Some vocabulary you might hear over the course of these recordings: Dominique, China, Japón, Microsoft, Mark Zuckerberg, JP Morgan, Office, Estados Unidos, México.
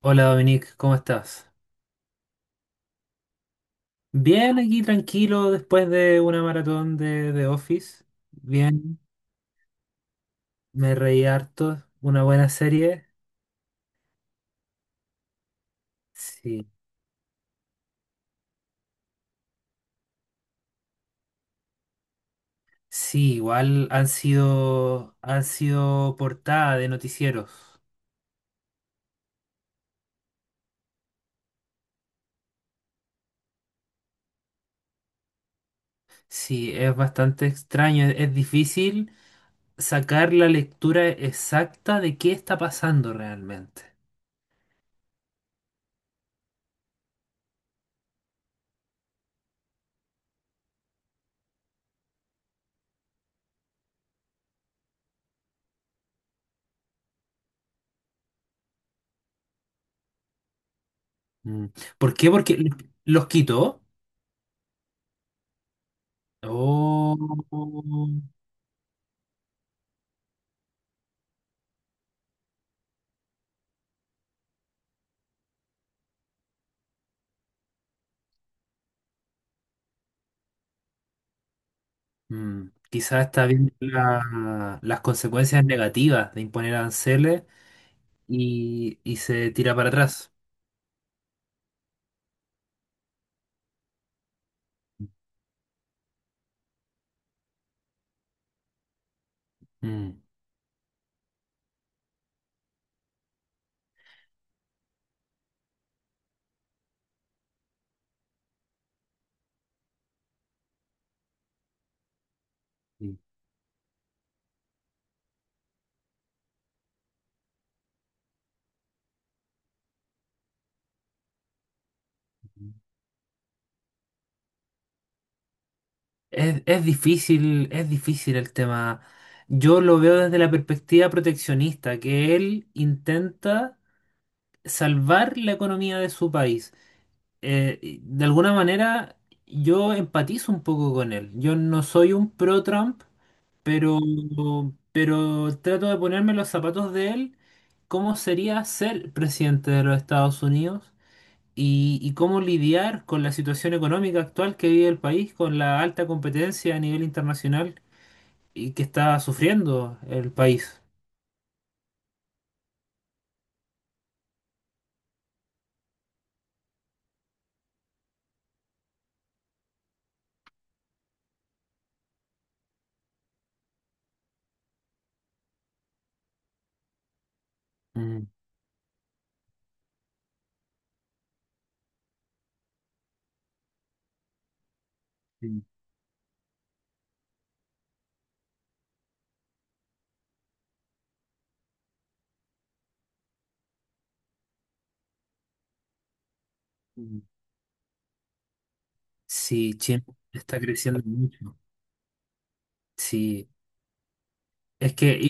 Hola Dominique, ¿cómo estás? Bien, aquí tranquilo después de una maratón de Office. Bien, me reí harto, una buena serie. Sí, sí, igual han sido portada de noticieros. Sí, es bastante extraño, es difícil sacar la lectura exacta de qué está pasando realmente. Mm. ¿Por qué? Porque los quitó. Oh. Mm, quizás está viendo las consecuencias negativas de imponer aranceles y se tira para atrás. Mm. Sí. Es difícil, es difícil el tema. Yo lo veo desde la perspectiva proteccionista, que él intenta salvar la economía de su país. Y de alguna manera, yo empatizo un poco con él. Yo no soy un pro-Trump. Pero, pero trato de ponerme los zapatos de él, cómo sería ser presidente de los Estados Unidos y cómo lidiar con la situación económica actual que vive el país, con la alta competencia a nivel internacional y que está sufriendo el país. Mm, mm, mm. Sí, China está creciendo mucho. Sí, es que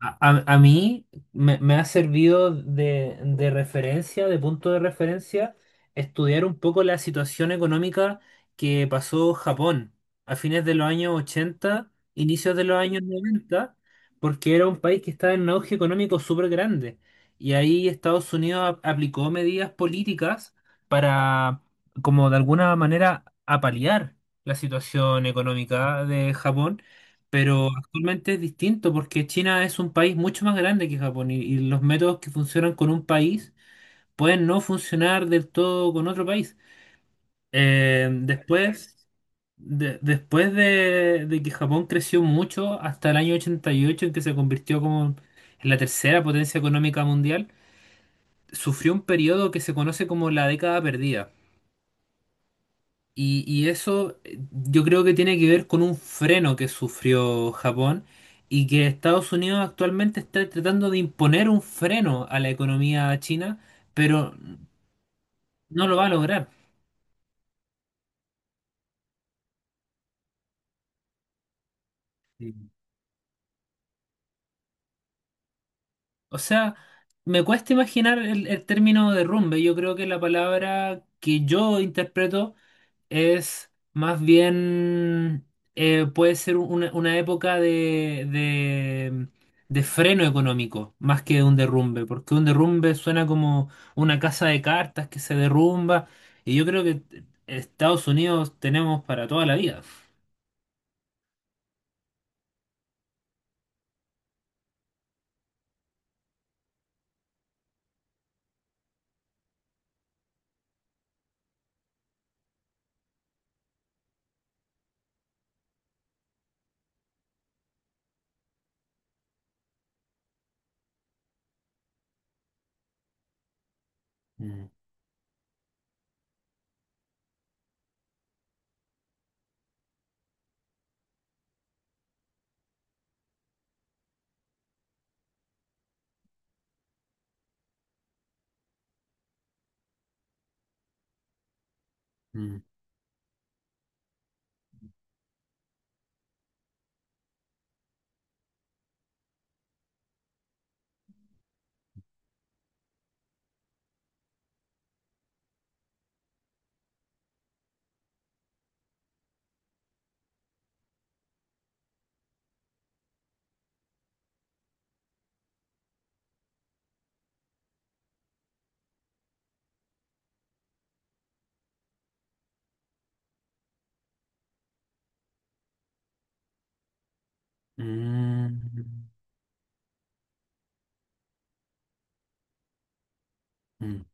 a mí me ha servido de referencia, de punto de referencia, estudiar un poco la situación económica que pasó Japón a fines de los años 80, inicios de los años 90, porque era un país que estaba en un auge económico súper grande. Y ahí Estados Unidos aplicó medidas políticas para, como de alguna manera, apalear la situación económica de Japón, pero actualmente es distinto porque China es un país mucho más grande que Japón y los métodos que funcionan con un país pueden no funcionar del todo con otro país. Eh, después, Después de que Japón creció mucho hasta el año 88 en que se convirtió como en la tercera potencia económica mundial, sufrió un periodo que se conoce como la década perdida. Y eso yo creo que tiene que ver con un freno que sufrió Japón y que Estados Unidos actualmente está tratando de imponer un freno a la economía china, pero no lo va a lograr. Sí. O sea, me cuesta imaginar el término derrumbe. Yo creo que la palabra que yo interpreto es más bien, puede ser una época de freno económico, más que un derrumbe, porque un derrumbe suena como una casa de cartas que se derrumba, y yo creo que Estados Unidos tenemos para toda la vida. Mm, mm, mm, mm,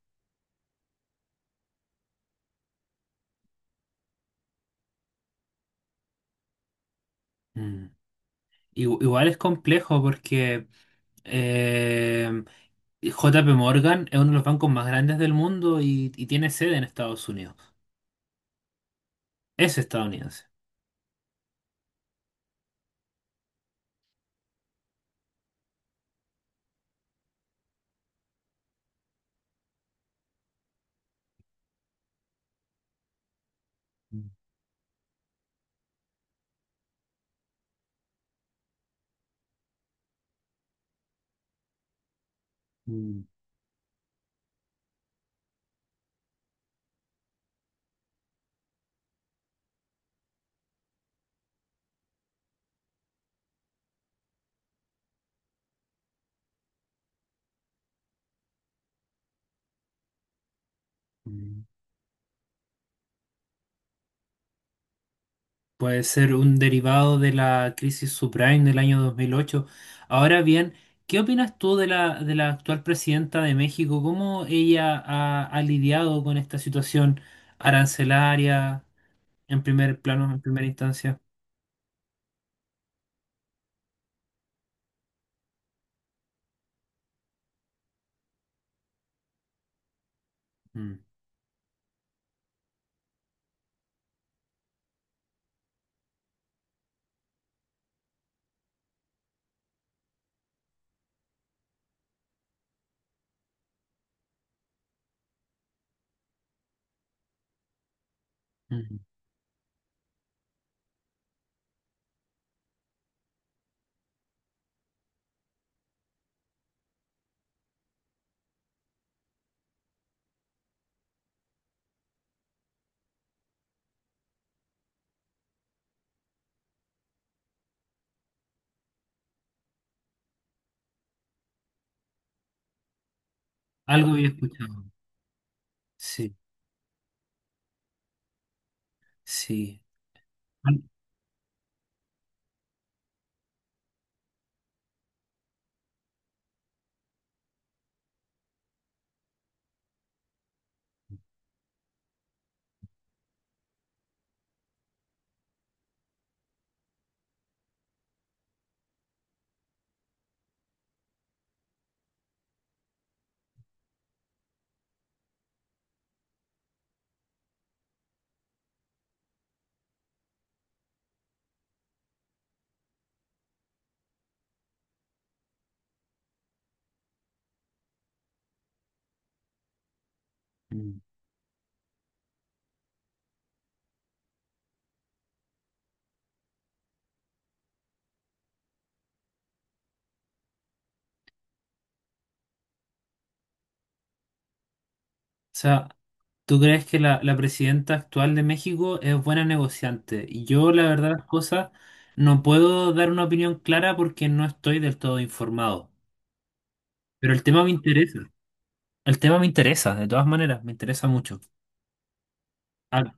mm. Igual es complejo porque eh, JP Morgan es uno de los bancos más grandes del mundo y tiene sede en Estados Unidos. Es estadounidense. Mm, mm. Puede ser un derivado de la crisis subprime del año 2008. Ahora bien, ¿qué opinas tú de la actual presidenta de México? ¿Cómo ella ha, ha lidiado con esta situación arancelaria en primer plano, en primera instancia? Mm, mm. Algo había escuchado. Sí, sí. Al- Mm. O sea, ¿tú crees que la presidenta actual de México es buena negociante? Y yo, la verdad, las cosas, no puedo dar una opinión clara porque no estoy del todo informado. Pero el tema me interesa. El tema me interesa, de todas maneras, me interesa mucho. Ah,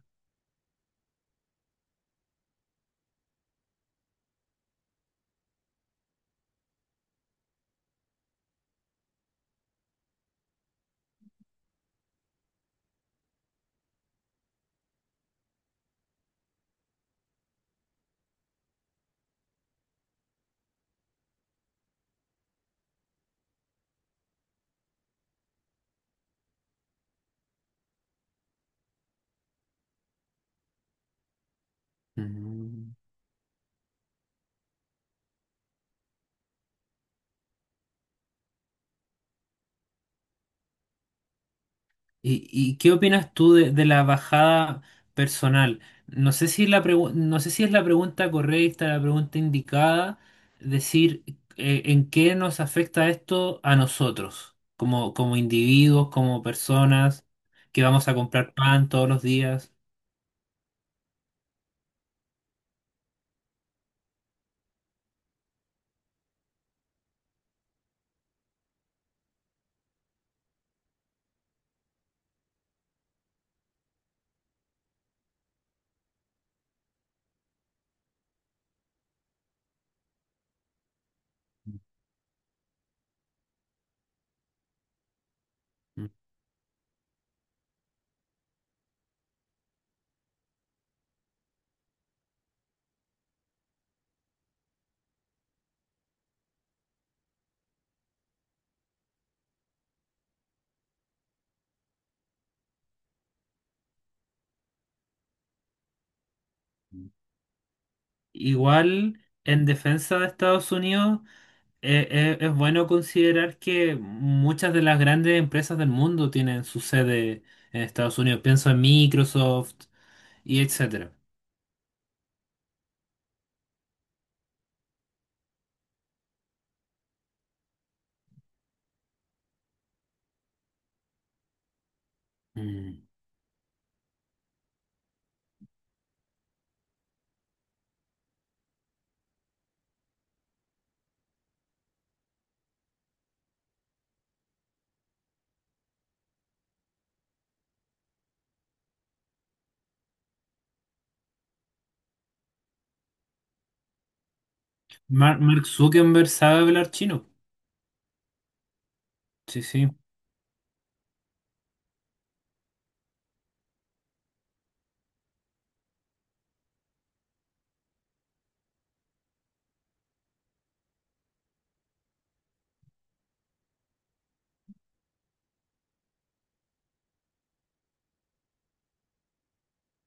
mm. Y qué opinas tú de la bajada personal? No sé si la no sé si es la pregunta correcta, la pregunta indicada, decir en qué nos afecta esto a nosotros, como, como individuos, como personas que vamos a comprar pan todos los días. Ujú. Igual, en defensa de Estados Unidos, es bueno considerar que muchas de las grandes empresas del mundo tienen su sede en Estados Unidos. Pienso en Microsoft, y etcétera. Mm. Mark Zuckerberg sabe hablar chino. Sí, sí.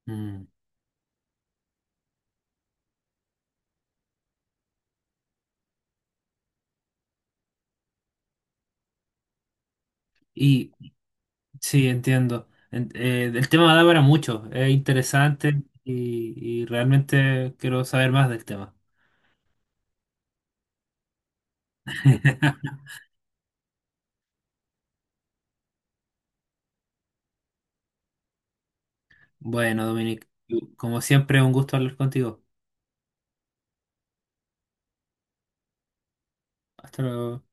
Mm. Y sí, entiendo. El tema da para mucho. Es interesante y realmente quiero saber más del tema. Bueno, Dominic, como siempre, un gusto hablar contigo. Hasta luego.